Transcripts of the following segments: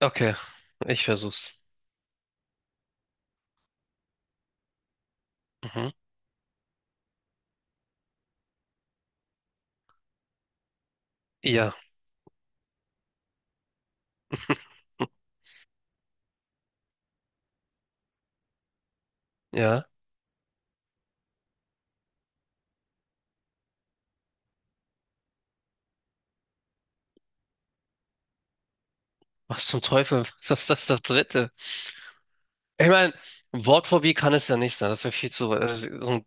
Okay, ich versuch's. Mhm. Ja, ja. Was zum Teufel? Was ist das, das Dritte? Ich meine, Wortphobie kann es ja nicht sein. Das wäre viel zu. Das ist so ein-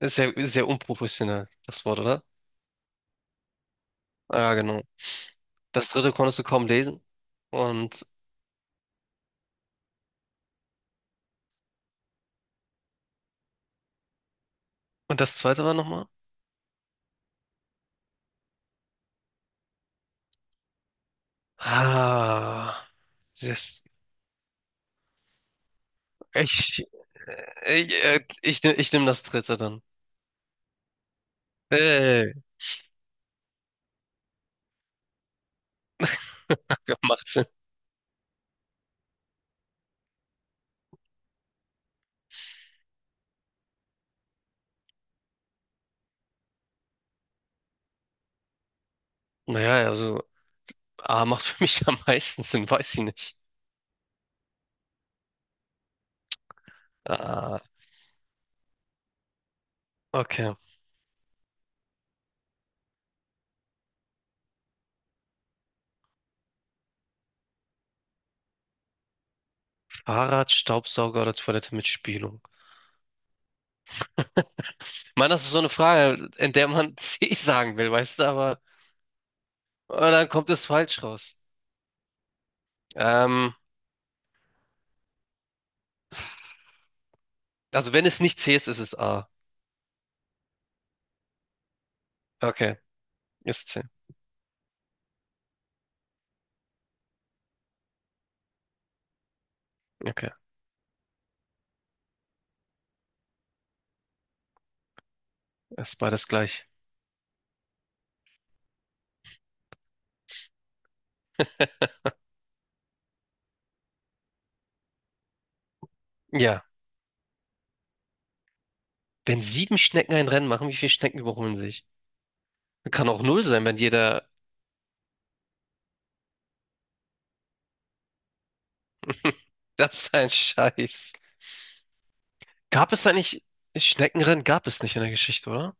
ist ja sehr unprofessionell, das Wort, oder? Ja, genau. Das Dritte konntest du kaum lesen. Und, und das Zweite war nochmal? Ah, das, ich, ich nehme das Dritte dann. Ey, macht Sinn. Naja, also A macht für mich am meisten Sinn, weiß ich nicht. Ah, okay. Fahrrad, Staubsauger oder Toilette mit Spülung? Ich meine, das ist so eine Frage, in der man C sagen will, weißt du, aber und dann kommt es falsch raus. Ähm, also wenn es nicht C ist, ist es A. Okay, ist C. Okay, ist beides gleich. Ja, wenn sieben Schnecken ein Rennen machen, wie viele Schnecken überholen sich? Kann auch null sein, wenn jeder... Das ist ein Scheiß. Gab es eigentlich... Schneckenrennen gab es nicht in der Geschichte, oder?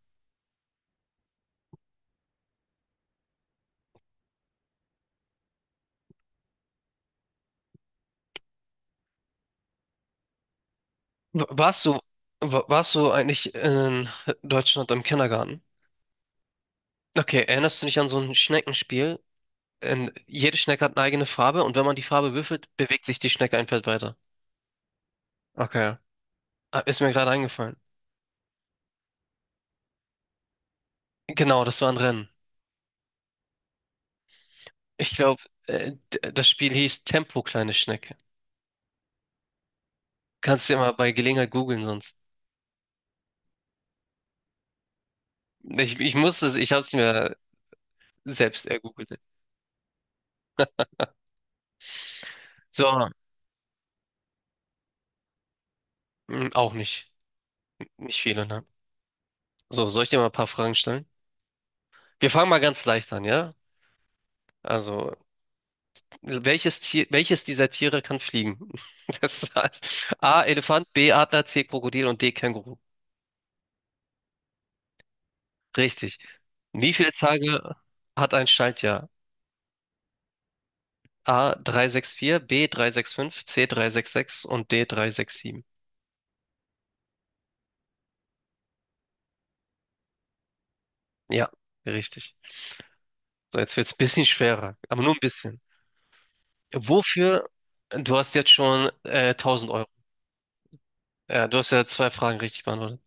Warst du, warst du eigentlich in Deutschland im Kindergarten? Okay, erinnerst du dich an so ein Schneckenspiel? Jede Schnecke hat eine eigene Farbe und wenn man die Farbe würfelt, bewegt sich die Schnecke ein Feld weiter. Okay. Ah, ist mir gerade eingefallen. Genau, das war ein Rennen. Ich glaube, das Spiel hieß Tempo, kleine Schnecke. Kannst du ja mal bei Gelegenheit googeln sonst. Ich musste es, ich habe es mir selbst ergoogelt. So, auch nicht. Nicht viele, ne? So, soll ich dir mal ein paar Fragen stellen? Wir fangen mal ganz leicht an, ja? Also, welches dieser Tiere kann fliegen? Das heißt, A. Elefant, B. Adler, C. Krokodil und D. Känguru. Richtig. Wie viele Tage hat ein Schaltjahr? A. 364, B. 365, C. 366 und D. 367. Ja, richtig. So, jetzt wird's ein bisschen schwerer, aber nur ein bisschen. Wofür, Du hast jetzt schon 1000 Euro. Ja, du hast ja zwei Fragen richtig beantwortet.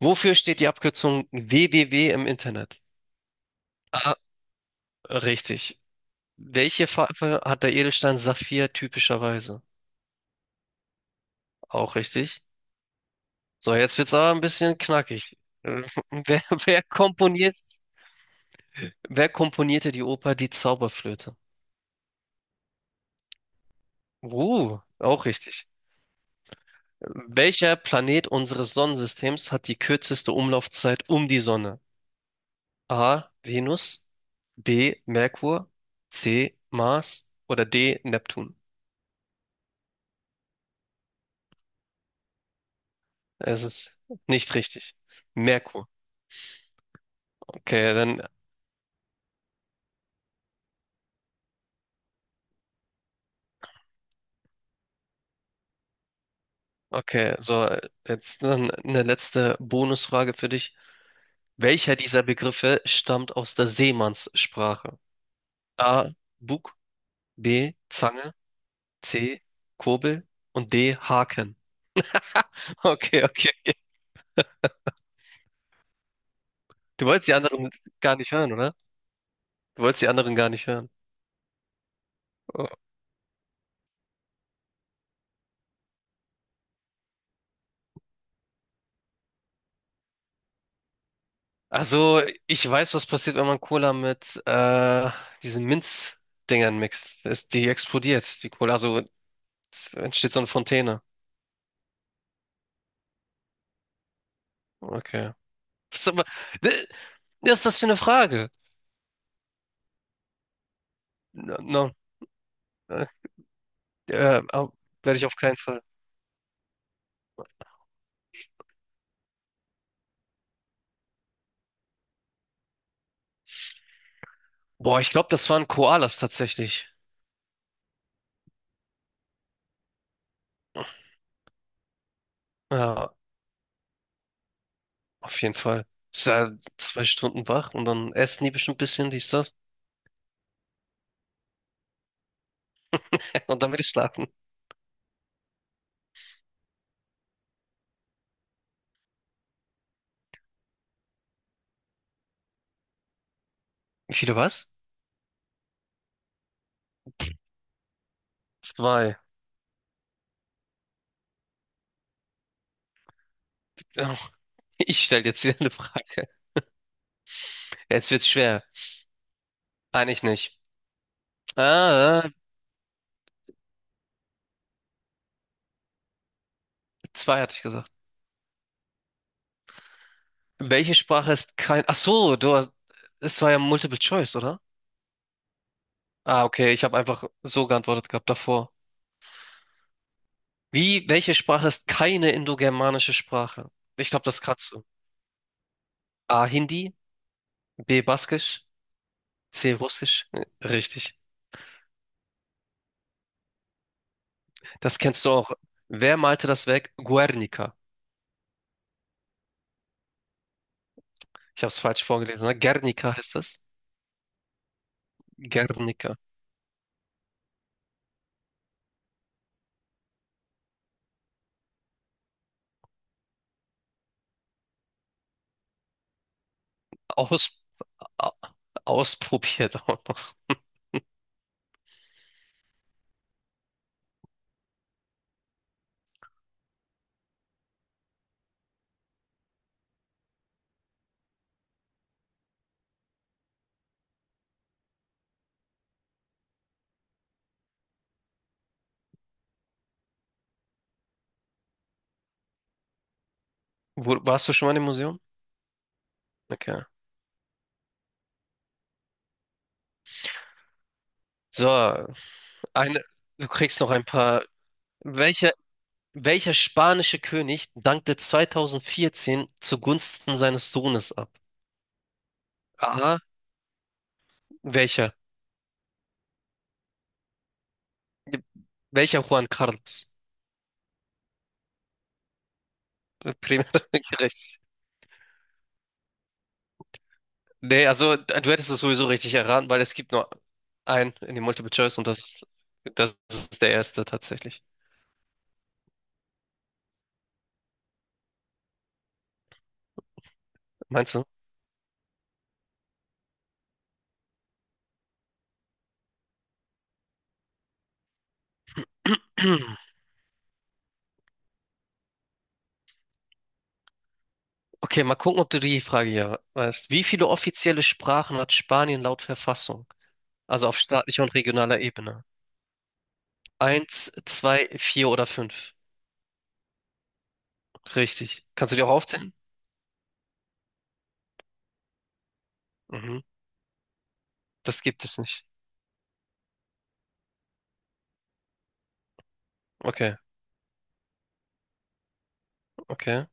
Wofür steht die Abkürzung www im Internet? A. Richtig. Welche Farbe hat der Edelstein Saphir typischerweise? Auch richtig. So, jetzt wird's aber ein bisschen knackig. Äh, Wer, wer komponiert, wer komponierte die Oper Die Zauberflöte? Auch richtig. Welcher Planet unseres Sonnensystems hat die kürzeste Umlaufzeit um die Sonne? A. Venus, B. Merkur, C. Mars oder D. Neptun? Es ist nicht richtig. Merkur. Okay, dann Okay, so jetzt dann eine letzte Bonusfrage für dich. Welcher dieser Begriffe stammt aus der Seemannssprache? A. Bug, B. Zange, C. Kurbel und D. Haken. Okay, okay. Du wolltest die anderen gar nicht hören, oder? Du wolltest die anderen gar nicht hören. Oh. Also, ich weiß, was passiert, wenn man Cola mit diesen Minzdingern mixt. Die explodiert, die Cola. Also es entsteht so eine Fontäne. Okay. Das ist aber, ne, was ist das für eine Frage? No, no, äh, äh, au- werde ich auf keinen Fall. Boah, ich glaube, das waren Koalas tatsächlich. Ja, auf jeden Fall. Ich war 2 Stunden wach und dann essen die bestimmt ein bisschen, dies, das. Und dann will ich schlafen. Wie viele was? Zwei. Oh, ich stelle jetzt wieder eine Frage. Jetzt wird's schwer. Eigentlich nicht. Ah, zwei hatte ich gesagt. Welche Sprache ist kein... Ach so, du hast... Es war ja Multiple Choice, oder? Ah, okay, ich habe einfach so geantwortet gehabt davor. Welche Sprache ist keine indogermanische Sprache? Ich glaube, das kannst du. A. Hindi, B. Baskisch, C. Russisch. Richtig. Das kennst du auch. Wer malte das Werk Guernica? Ich habe es falsch vorgelesen. Ne? Guernica heißt das. Guernica. Aus, a- Ausprobiert auch noch. Warst du schon mal im Museum? Okay. So, eine, du kriegst noch ein paar. Welcher, welcher spanische König dankte 2014 zugunsten seines Sohnes ab? A. Welcher? Welcher Juan Carlos? Primär nicht richtig. Nee, also du hättest es sowieso richtig erraten, weil es gibt nur einen in dem Multiple Choice und das ist der erste tatsächlich. Meinst du? Okay, mal gucken, ob du die Frage hier weißt. Wie viele offizielle Sprachen hat Spanien laut Verfassung? Also auf staatlicher und regionaler Ebene. Eins, zwei, vier oder fünf. Richtig. Kannst du die auch aufzählen? Mhm. Das gibt es nicht. Okay, okay.